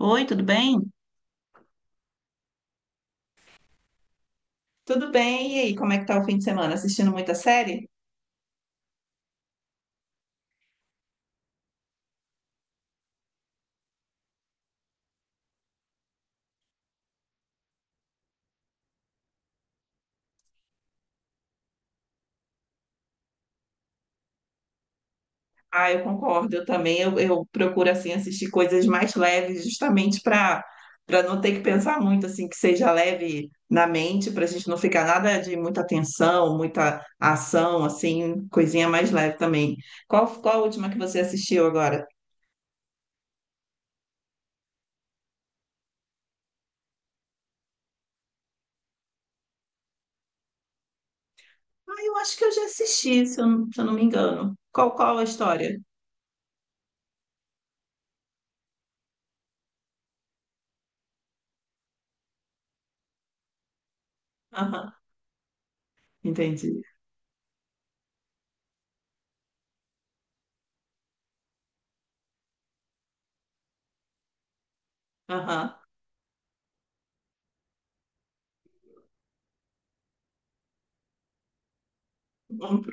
Oi, tudo bem? Tudo bem? E aí, como é que tá o fim de semana? Assistindo muita série? Ah, eu concordo, eu também. Eu procuro assim assistir coisas mais leves, justamente para não ter que pensar muito assim, que seja leve na mente, para a gente não ficar nada de muita tensão, muita ação, assim, coisinha mais leve também. Qual a última que você assistiu agora? Ah, eu acho que eu já assisti, se eu, não- se eu não me engano. Qual a história? Aham, entendi. Aham. Uhum.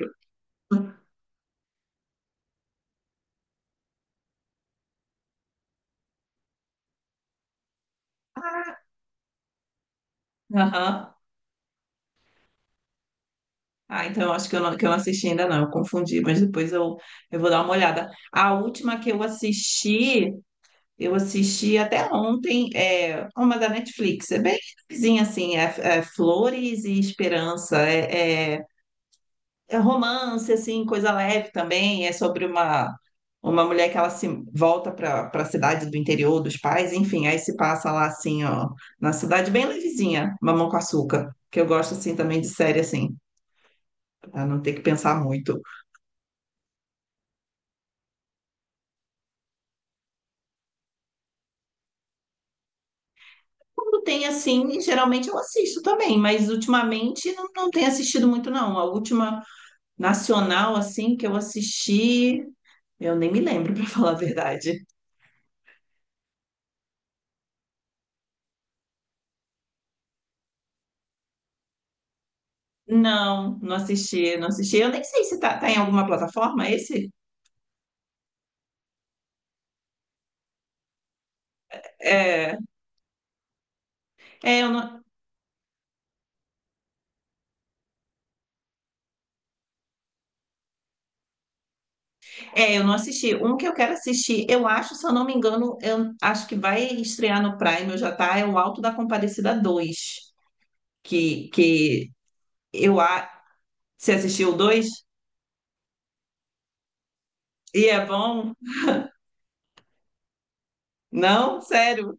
Aham. Ah, então eu acho que eu não assisti ainda não, eu confundi, mas eu vou dar uma olhada. A última que eu assisti até ontem, é uma da Netflix, é bem vizinha assim, é Flores e Esperança, é romance, assim, coisa leve também, uma mulher que ela se volta para a cidade do interior dos pais, enfim, aí se passa lá assim, ó, na cidade bem levezinha, Mamão com Açúcar, que eu gosto assim também de série assim, pra não ter que pensar muito. Quando tem assim, geralmente eu assisto também, mas ultimamente não tenho assistido muito, não. A última nacional, assim, que eu assisti, eu nem me lembro, para falar a verdade. Não, não assisti, não assisti. Eu nem sei se tá em alguma plataforma esse. É, é, eu não, eu não assisti. Um que eu quero assistir, eu acho, se eu não me engano, eu acho que vai estrear no Prime, já tá, é o Alto da Compadecida 2 que eu... a- Você assistiu o 2? E é bom? Não, sério.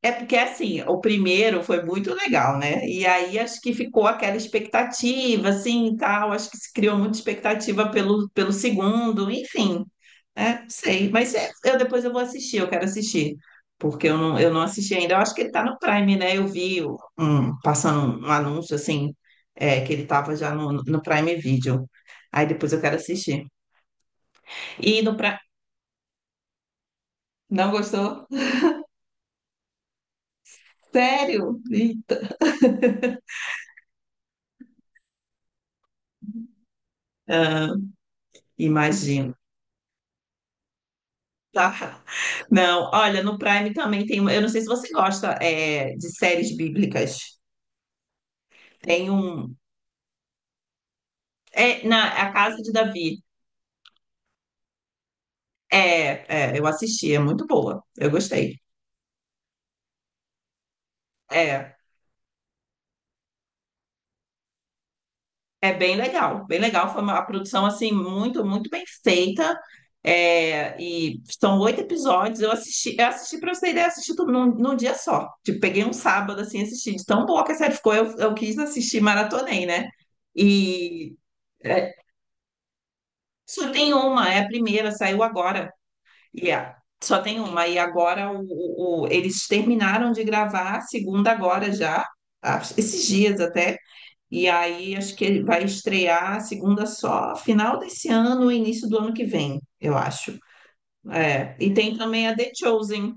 É porque assim, o primeiro foi muito legal, né? E aí acho que ficou aquela expectativa, assim, e tal. Acho que se criou muita expectativa pelo, pelo segundo, enfim. É, não sei. Mas é, eu depois eu vou assistir, eu quero assistir. Porque eu não assisti ainda. Eu acho que ele tá no Prime, né? Eu vi o- um, passando um anúncio, assim, é, que ele tava já no, no Prime Video. Aí depois eu quero assistir. E no pra... Não gostou? Sério? Ih, ah, imagino. Tá. Não, olha, no Prime também tem uma. Eu não sei se você gosta é, de séries bíblicas. Tem um. É, na, a Casa de Davi. Eu assisti, é muito boa. Eu gostei. É, é bem legal, bem legal. Foi uma a produção assim muito, muito bem feita. É, e são oito episódios. Eu assisti para você ter ideia, assisti tudo num, num dia só. Tipo, peguei um sábado assim, e assisti. De tão boa que a série ficou, eu quis assistir, maratonei, né? E é, só tem uma, é a primeira, saiu agora. E é, só tem uma. E agora eles terminaram de gravar a segunda agora já, acho- esses dias até. E aí acho que ele vai estrear a segunda só final desse ano, início do ano que vem, eu acho. É, e tem também a The Chosen.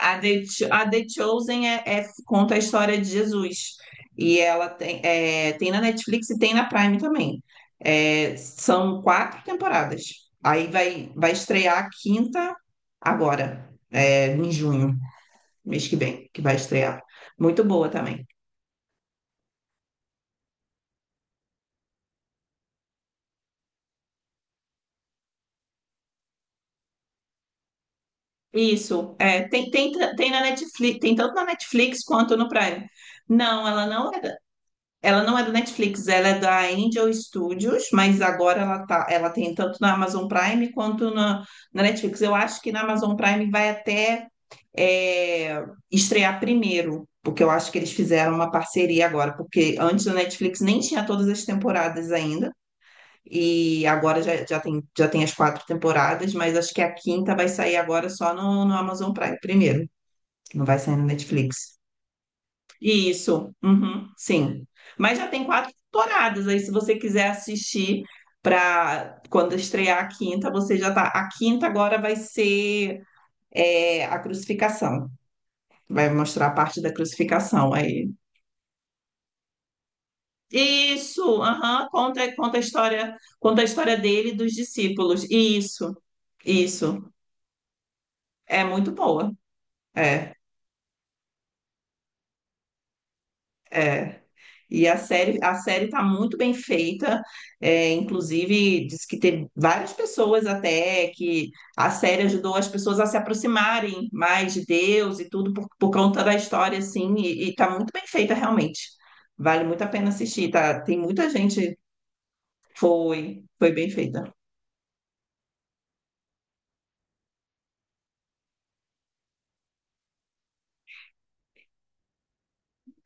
A The Chosen conta a história de Jesus. E ela tem, é, tem na Netflix e tem na Prime também. É, são quatro temporadas. Aí vai estrear a quinta agora, é, em junho, mês que vem, que vai estrear. Muito boa também. Isso, é, tem na Netflix, tem tanto na Netflix quanto no Prime. Não, ela não é. Ela não é da Netflix, ela é da Angel Studios, mas agora ela tá, ela tem tanto na Amazon Prime quanto na, na Netflix. Eu acho que na Amazon Prime vai até é, estrear primeiro, porque eu acho que eles fizeram uma parceria agora, porque antes da Netflix nem tinha todas as temporadas ainda, e agora já tem, já tem as quatro temporadas, mas acho que a quinta vai sair agora só no, no Amazon Prime primeiro, não vai sair na Netflix. Isso, uhum, sim. Mas já tem quatro temporadas, aí se você quiser assistir para quando estrear a quinta, você já tá. A quinta agora vai ser é, a crucificação. Vai mostrar a parte da crucificação aí. Isso, aham, conta a história, conta a história dele e dos discípulos. Isso, isso. É muito boa. É, é. E a série tá muito bem feita, é, inclusive diz que teve várias pessoas até que a série ajudou as pessoas a se aproximarem mais de Deus e tudo por conta da história, assim, e tá muito bem feita realmente. Vale muito a pena assistir, tá? Tem muita gente, foi bem feita.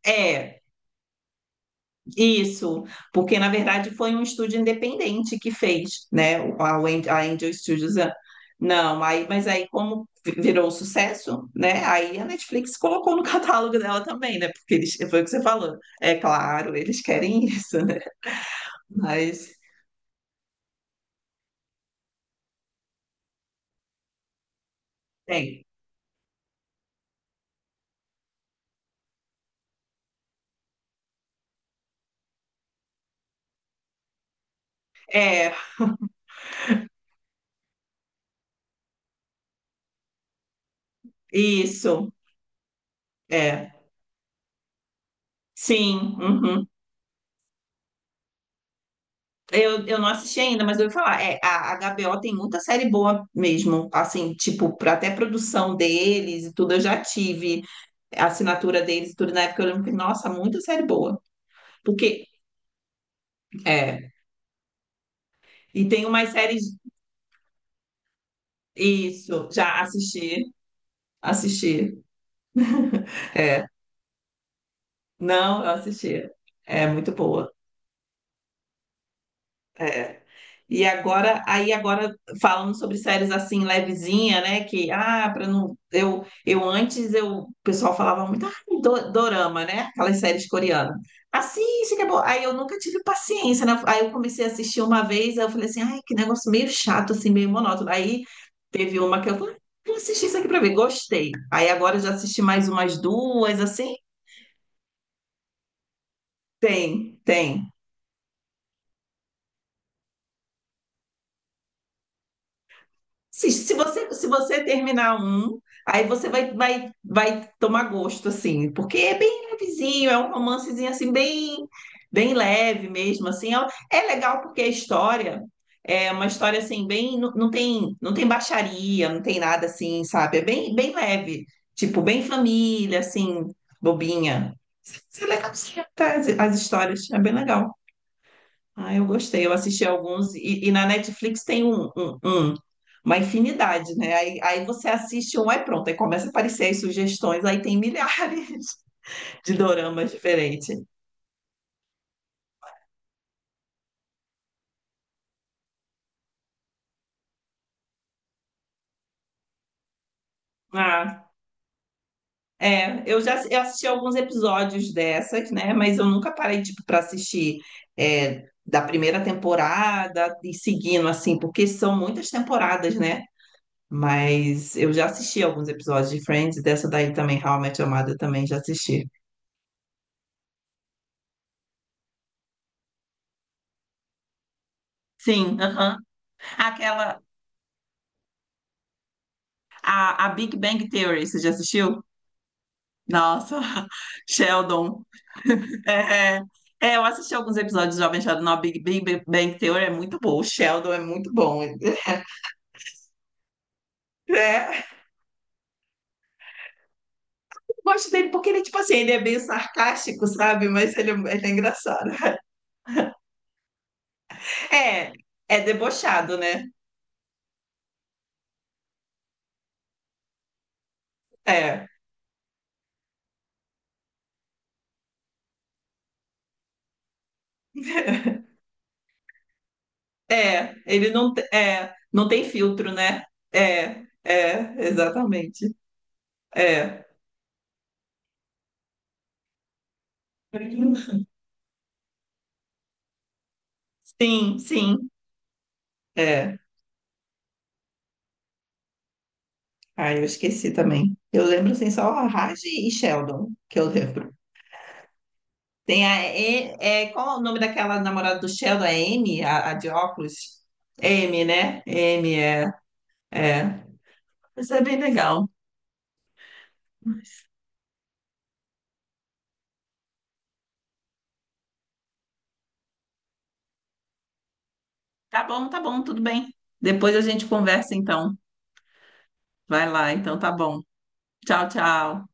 É, isso, porque na verdade foi um estúdio independente que fez, né? A Wen- a Angel Studios. Ah, não, aí, mas aí como vi- virou um sucesso, né? Aí a Netflix colocou no catálogo dela também, né? Porque eles, foi o que você falou. É claro, eles querem isso, né? Mas tem. É, isso, é. Sim, uhum. Eu não assisti ainda, mas eu ouvi falar. É, a HBO tem muita série boa mesmo, assim, tipo, pra- até produção deles e tudo, eu já tive. A assinatura deles, tudo na época, eu lembro que, nossa, muita série boa. Porque, é, e tem umas séries, isso, já assisti, assisti. Não, eu assisti. É muito boa. É. E agora, aí agora falando sobre séries assim levezinha, né? Que ah, para não eu antes eu o pessoal falava muito ah, do- dorama, né? Aquelas séries coreanas. Assiste que é bom. Aí eu nunca tive paciência, né? Aí eu comecei a assistir uma vez, aí eu falei assim, ai, que negócio meio chato assim, meio monótono. Aí teve uma que eu falei, "Ah, vou assistir isso aqui para ver, gostei. Aí agora eu já assisti mais umas duas assim. Tem, tem. Se você terminar um, aí você vai tomar gosto, assim, porque é bem levezinho, é um romancezinho, assim, bem, bem leve mesmo, assim. É, um, é legal porque a história é uma história, assim, bem... Não, não tem baixaria, não tem nada, assim, sabe? É bem, bem leve, tipo, bem família, assim, bobinha. Isso é legal, sim, tá? As histórias, é bem legal. Ah, eu gostei. Eu assisti alguns. E na Netflix tem uma infinidade, né? Aí você assiste um, aí pronto. Aí começa a aparecer as sugestões. Aí tem milhares de doramas diferentes. Ah, é. Eu já eu assisti alguns episódios dessas, né? Mas eu nunca parei, tipo, para assistir é, da primeira temporada e seguindo, assim, porque são muitas temporadas, né? Mas eu já assisti alguns episódios de Friends, dessa daí também, How I Met Your Mother, também já assisti. Sim, aham. Aquela, a Big Bang Theory, você já assistiu? Nossa, Sheldon. É, é, eu assisti alguns episódios de Jovem Sheldon. A Big Bang Theory é muito bom. O Sheldon é muito bom. É, eu gosto dele porque ele, tipo assim, ele é meio sarcástico, sabe? Mas ele é engraçado. É, é debochado, né? É, é. Não tem filtro, né? É, é, exatamente. É. Sim, sim. É. Ah, eu esqueci também. Eu lembro assim só a Raj e Sheldon, que eu lembro. Tem a E- é, qual é o nome daquela namorada do Sheldon? É M, a de óculos? É M, né? M é, é. Isso é bem legal. Tá bom, tudo bem. Depois a gente conversa então. Vai lá, então tá bom. Tchau, tchau.